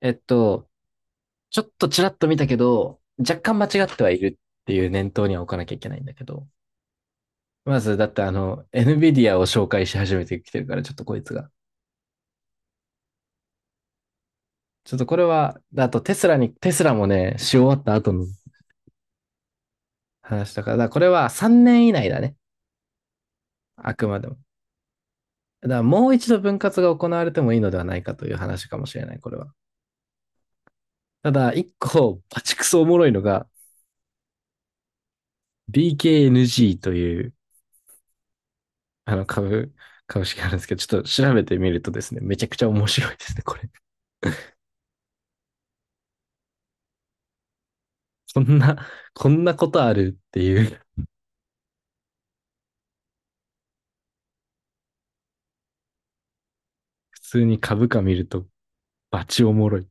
えっと、ちょっとちらっと見たけど、若干間違ってはいるっていう念頭には置かなきゃいけないんだけど。まず、だってNVIDIA を紹介し始めてきてるから、ちょっとこいつが。ちょっとこれは、あとテスラに、テスラもね、し終わった後の話だから、だからこれは3年以内だね。あくまでも。だからもう一度分割が行われてもいいのではないかという話かもしれない、これは。ただ、一個、バチクソおもろいのが、BKNG という、あの、株、株式あるんですけど、ちょっと調べてみるとですね、めちゃくちゃ面白いですね、これ。こんな、こんなことあるっていう、普通に株価見ると、バチおもろい。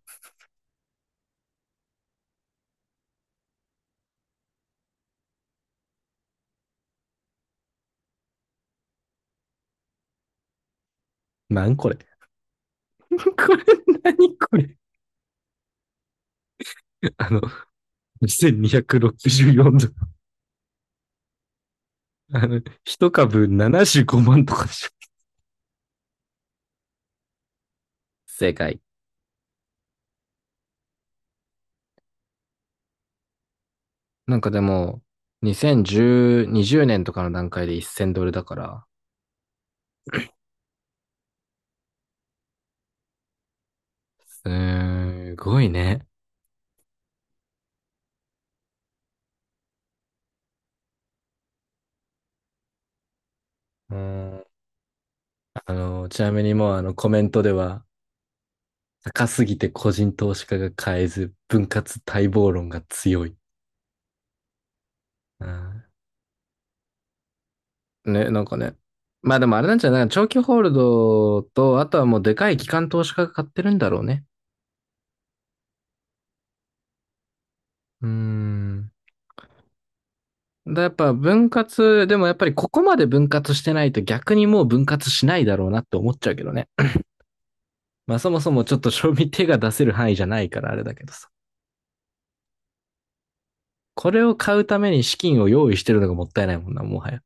なんこれ。 これ、何これ。 あの、2264ドル。一株75万とかでしょ。正解。なんかでも、2010、20年とかの段階で1000ドルだから、すごいね。うん、ちなみにもうコメントでは、高すぎて個人投資家が買えず、分割待望論が強い。うん。ね、なんかね。まあでもあれなんじゃない長期ホールドと、あとはもうでかい機関投資家が買ってるんだろうね。うーん。だやっぱ分割、でもやっぱりここまで分割してないと逆にもう分割しないだろうなって思っちゃうけどね。まあそもそもちょっと賞味手が出せる範囲じゃないからあれだけどさ。これを買うために資金を用意してるのがもったいないもんな、もはや。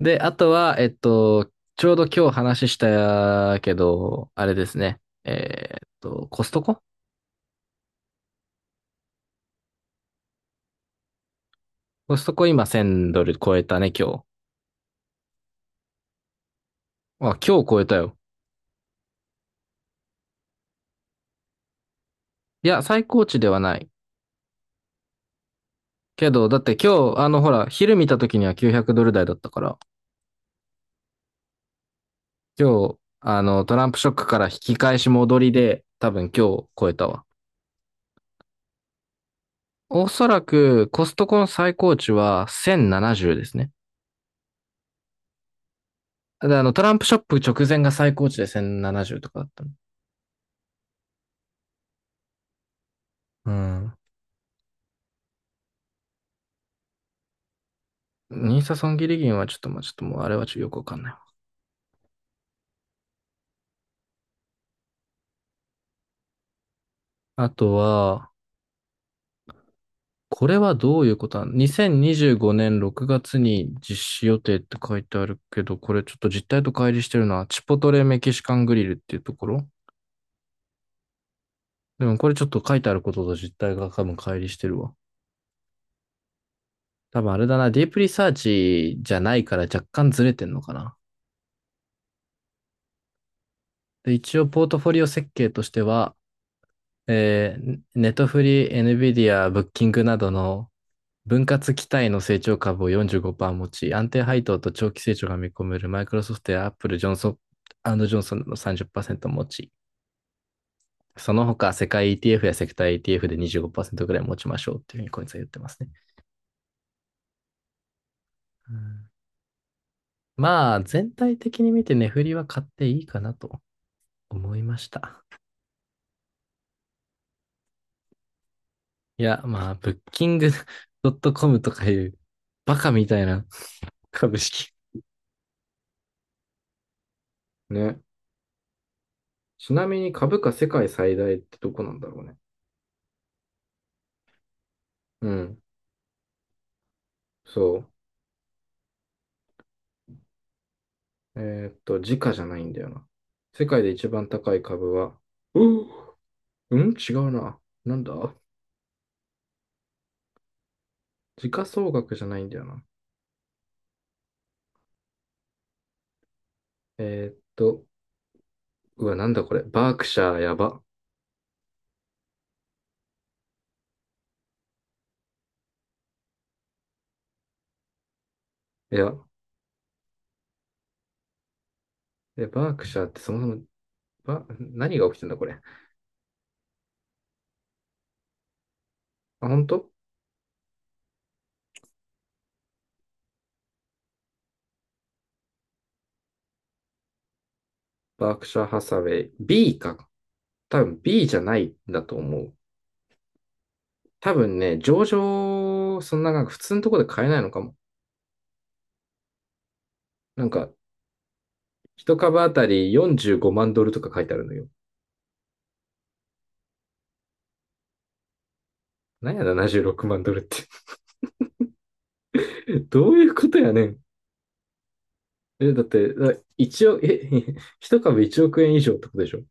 で、あとは、ちょうど今日話したけど、あれですね。コストコ今1000ドル超えたね、今日。あ、今日超えたよ。いや、最高値ではない。けど、だって今日、ほら、昼見た時には900ドル台だったから、今日、トランプショックから引き返し戻りで、多分今日超えたわ。おそらく、コストコの最高値は1070ですね。で、トランプショップ直前が最高値で1070とかだったの。うん。ニーサ損切り銀はちょっと、まあ、ちょっともうあれはちょっとよくわかんないわ。あとは、これはどういうことなの ?2025 年6月に実施予定って書いてあるけど、これちょっと実態と乖離してるのは、チポトレメキシカングリルっていうところでもこれちょっと書いてあることと実態が多分乖離してるわ。多分あれだな、ディープリサーチじゃないから若干ずれてんのかな。で、一応ポートフォリオ設計としては、ネットフリー、NVIDIA、ブッキングなどの分割期待の成長株を45%持ち、安定配当と長期成長が見込めるマイクロソフトやアップル、ジョンソンジョンソンの30%持ち、その他世界 ETF やセクター ETF で25%ぐらい持ちましょうっていうふうにこいつは言ってますね。うん、まあ、全体的に見て値振りは買っていいかなと思いました。いや、まあ、ブッキング .com とかいうバカみたいな 株式。ね。ちなみに株価世界最大ってどこなんだろうね。うん。そう。時価じゃないんだよな。世界で一番高い株は、うーうん違うな。なんだ、時価総額じゃないんだよな。えーっと、うわ、なんだこれ。バークシャーやば。いや、バークシャーってそもそも、何が起きてんだこれ。あ、本当バークシャーハサウェイ。B か。多分 B じゃないんだと思う。多分ね、上場、そんななんか普通のところで買えないのかも。なんか、一株あたり45万ドルとか書いてあるのよ。なんや76万ドルって。え、どういうことやねん。え、だって、だ一応、え、一株1億円以上ってことでしょ？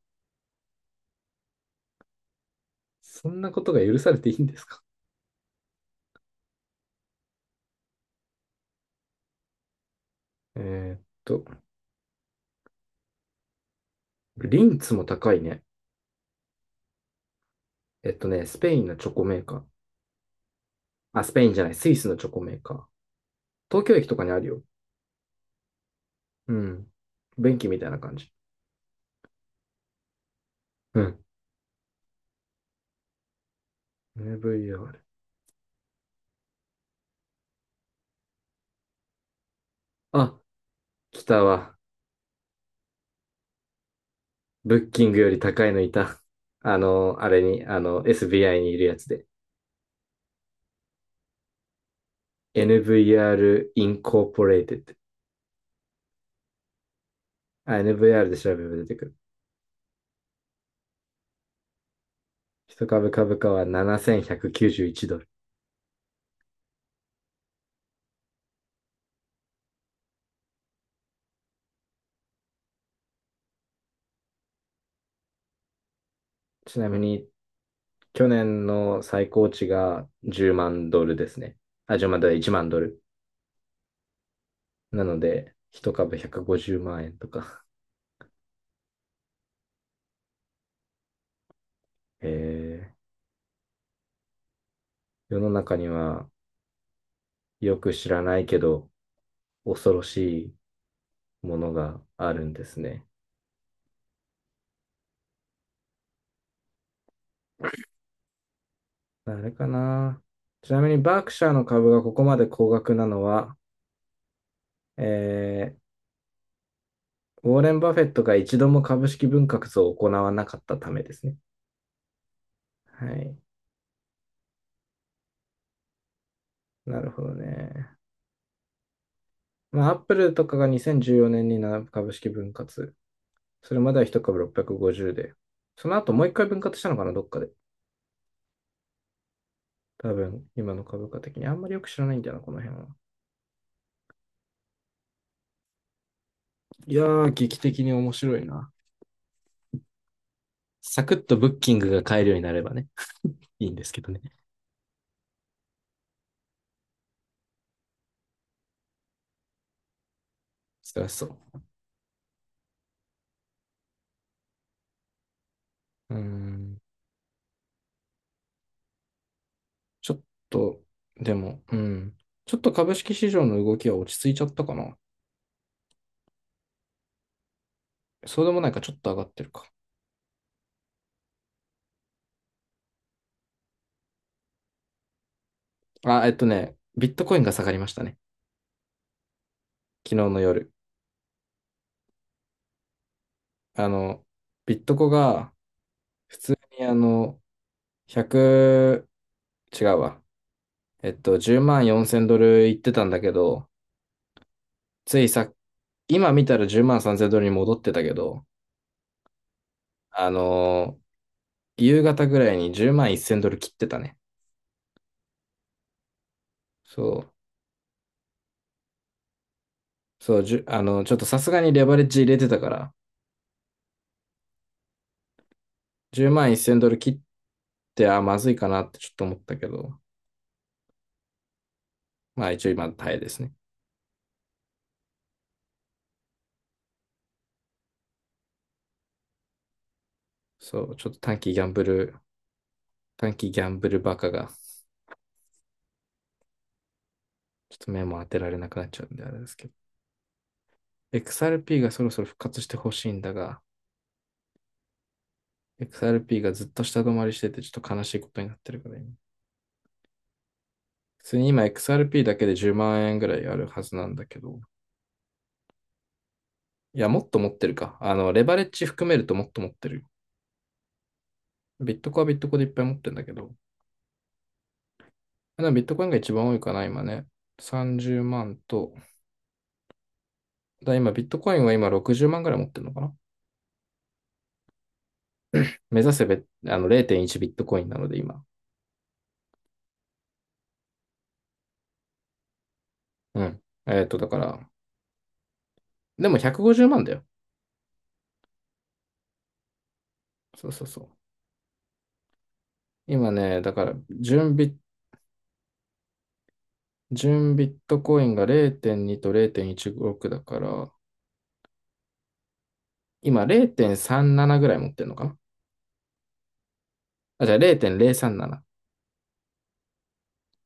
そんなことが許されていいんですか？えーっと、リンツも高いね。スペインのチョコメーカー。あ、スペインじゃない、スイスのチョコメーカー。東京駅とかにあるよ。うん。便器みたいな感じ。うん。VR。あ、来たわ。ブッキングより高いのいた。あの、あれに、あの、SBI にいるやつで。NVR Incorporated。あ、NVR で調べれば出てくる。一株株価は7191ドル。ちなみに、去年の最高値が10万ドルですね。あ、10万ドル、1万ドル。なので、一株150万円とか。えー世の中にはよく知らないけど、恐ろしいものがあるんですね。あれかな。ちなみに、バークシャーの株がここまで高額なのは、えーウォーレン・バフェットが一度も株式分割を行わなかったためですね。はい。なるほどね。まあ、アップルとかが2014年になな株式分割。それまでは1株650で。その後もう一回分割したのかな、どっかで。多分、今の株価的に。あんまりよく知らないんだよな、この辺は。いやー、劇的に面白いな。サクッとブッキングが買えるようになればね、いいんですけどね。辛そう。うーん。ちょっと、でも、うん。ちょっと株式市場の動きは落ち着いちゃったかな。そうでもないか、ちょっと上がってるか。あ、ビットコインが下がりましたね。昨日の夜。あの、ビットコが普通に100、違うわ。10万4千ドルいってたんだけど、ついさ、今見たら10万3千ドルに戻ってたけど、あの夕方ぐらいに10万1千ドル切ってたね。そう、そう、じゅ、あの、ちょっとさすがにレバレッジ入れてたから、10万1千ドル切って、あ、まずいかなってちょっと思ったけど、まあ一応今耐えですね。そう、ちょっと短期ギャンブル、短期ギャンブルバカが、ちょっと目も当てられなくなっちゃうんであれですけど。XRP がそろそろ復活してほしいんだが、XRP がずっと下止まりしててちょっと悲しいことになってるから今。普通に今 XRP だけで10万円ぐらいあるはずなんだけど、いや、もっと持ってるか。レバレッジ含めるともっと持ってる。ビットコはビットコでいっぱい持ってるんだけど、ビットコインが一番多いかな、今ね。30万と、今ビットコインは今60万ぐらい持ってるのかな？目指せべ、0.1ビットコインなので今。うん。だから、でも150万だよ。そうそうそう。今ね、だから、準備、準ビットコインが0.2と0.16だから、今0.37ぐらい持ってるのかな？あ、じゃあ0.037。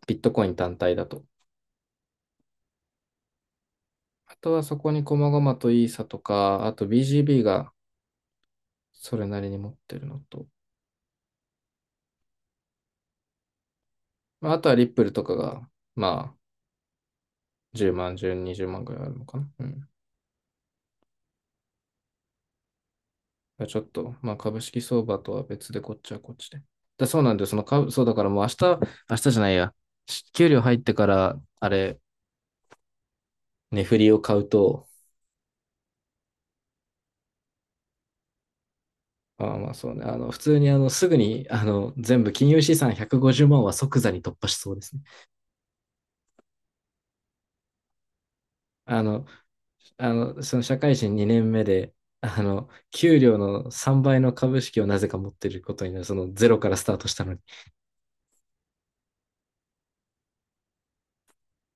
ビットコイン単体だと。あとはそこに細々とイーサとか、あと BGB がそれなりに持ってるのと、まあ、あとはリップルとかが、まあ、10万、10、20万ぐらいあるのかな、うん。まあちょっと、まあ株式相場とは別でこっちはこっちで。そうなんだよ。その株、そうだからもう明日、明日じゃないや。給料入ってから、あれ、値振りを買うと、まあまあそうね、普通にすぐに全部金融資産150万は即座に突破しそうですね。あの、その社会人2年目で、給料の3倍の株式をなぜか持ってることになる、そのゼロからスタートしたのに。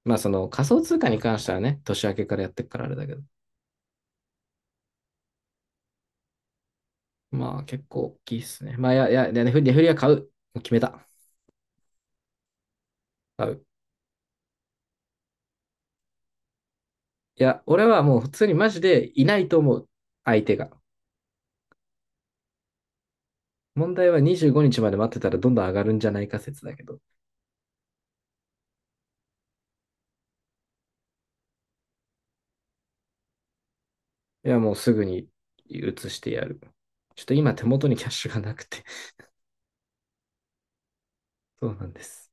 まあその仮想通貨に関してはね、年明けからやってるからあれだけど、まあ結構大きいっすね。まあいや、いや、値振りは買う。決めた。買う。いや、俺はもう普通にマジでいないと思う。相手が。問題は25日まで待ってたらどんどん上がるんじゃないか説だけど。いや、もうすぐに移してやる。ちょっと今手元にキャッシュがなくて。そうなんです。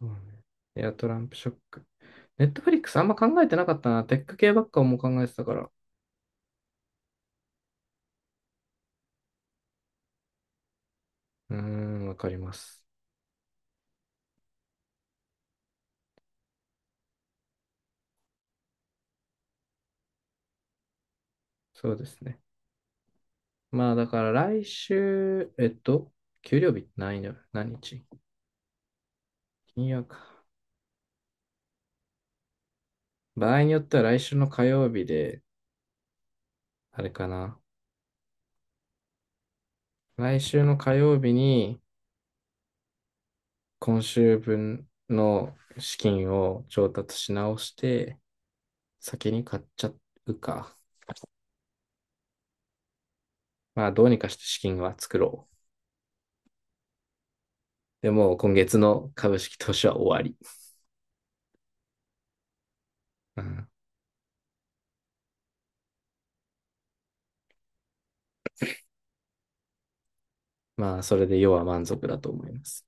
そうね。いや、トランプショック。ネットフリックスあんま考えてなかったな。テック系ばっかも考えてたから。うーん、わかります。そうですね。まあだから来週、給料日何曜、何日、金曜か。場合によっては来週の火曜日で、あれかな。来週の火曜日に、今週分の資金を調達し直して、先に買っちゃうか。まあ、どうにかして資金は作ろう。でも、今月の株式投資は終わり。うん、まあ、それで要は満足だと思います。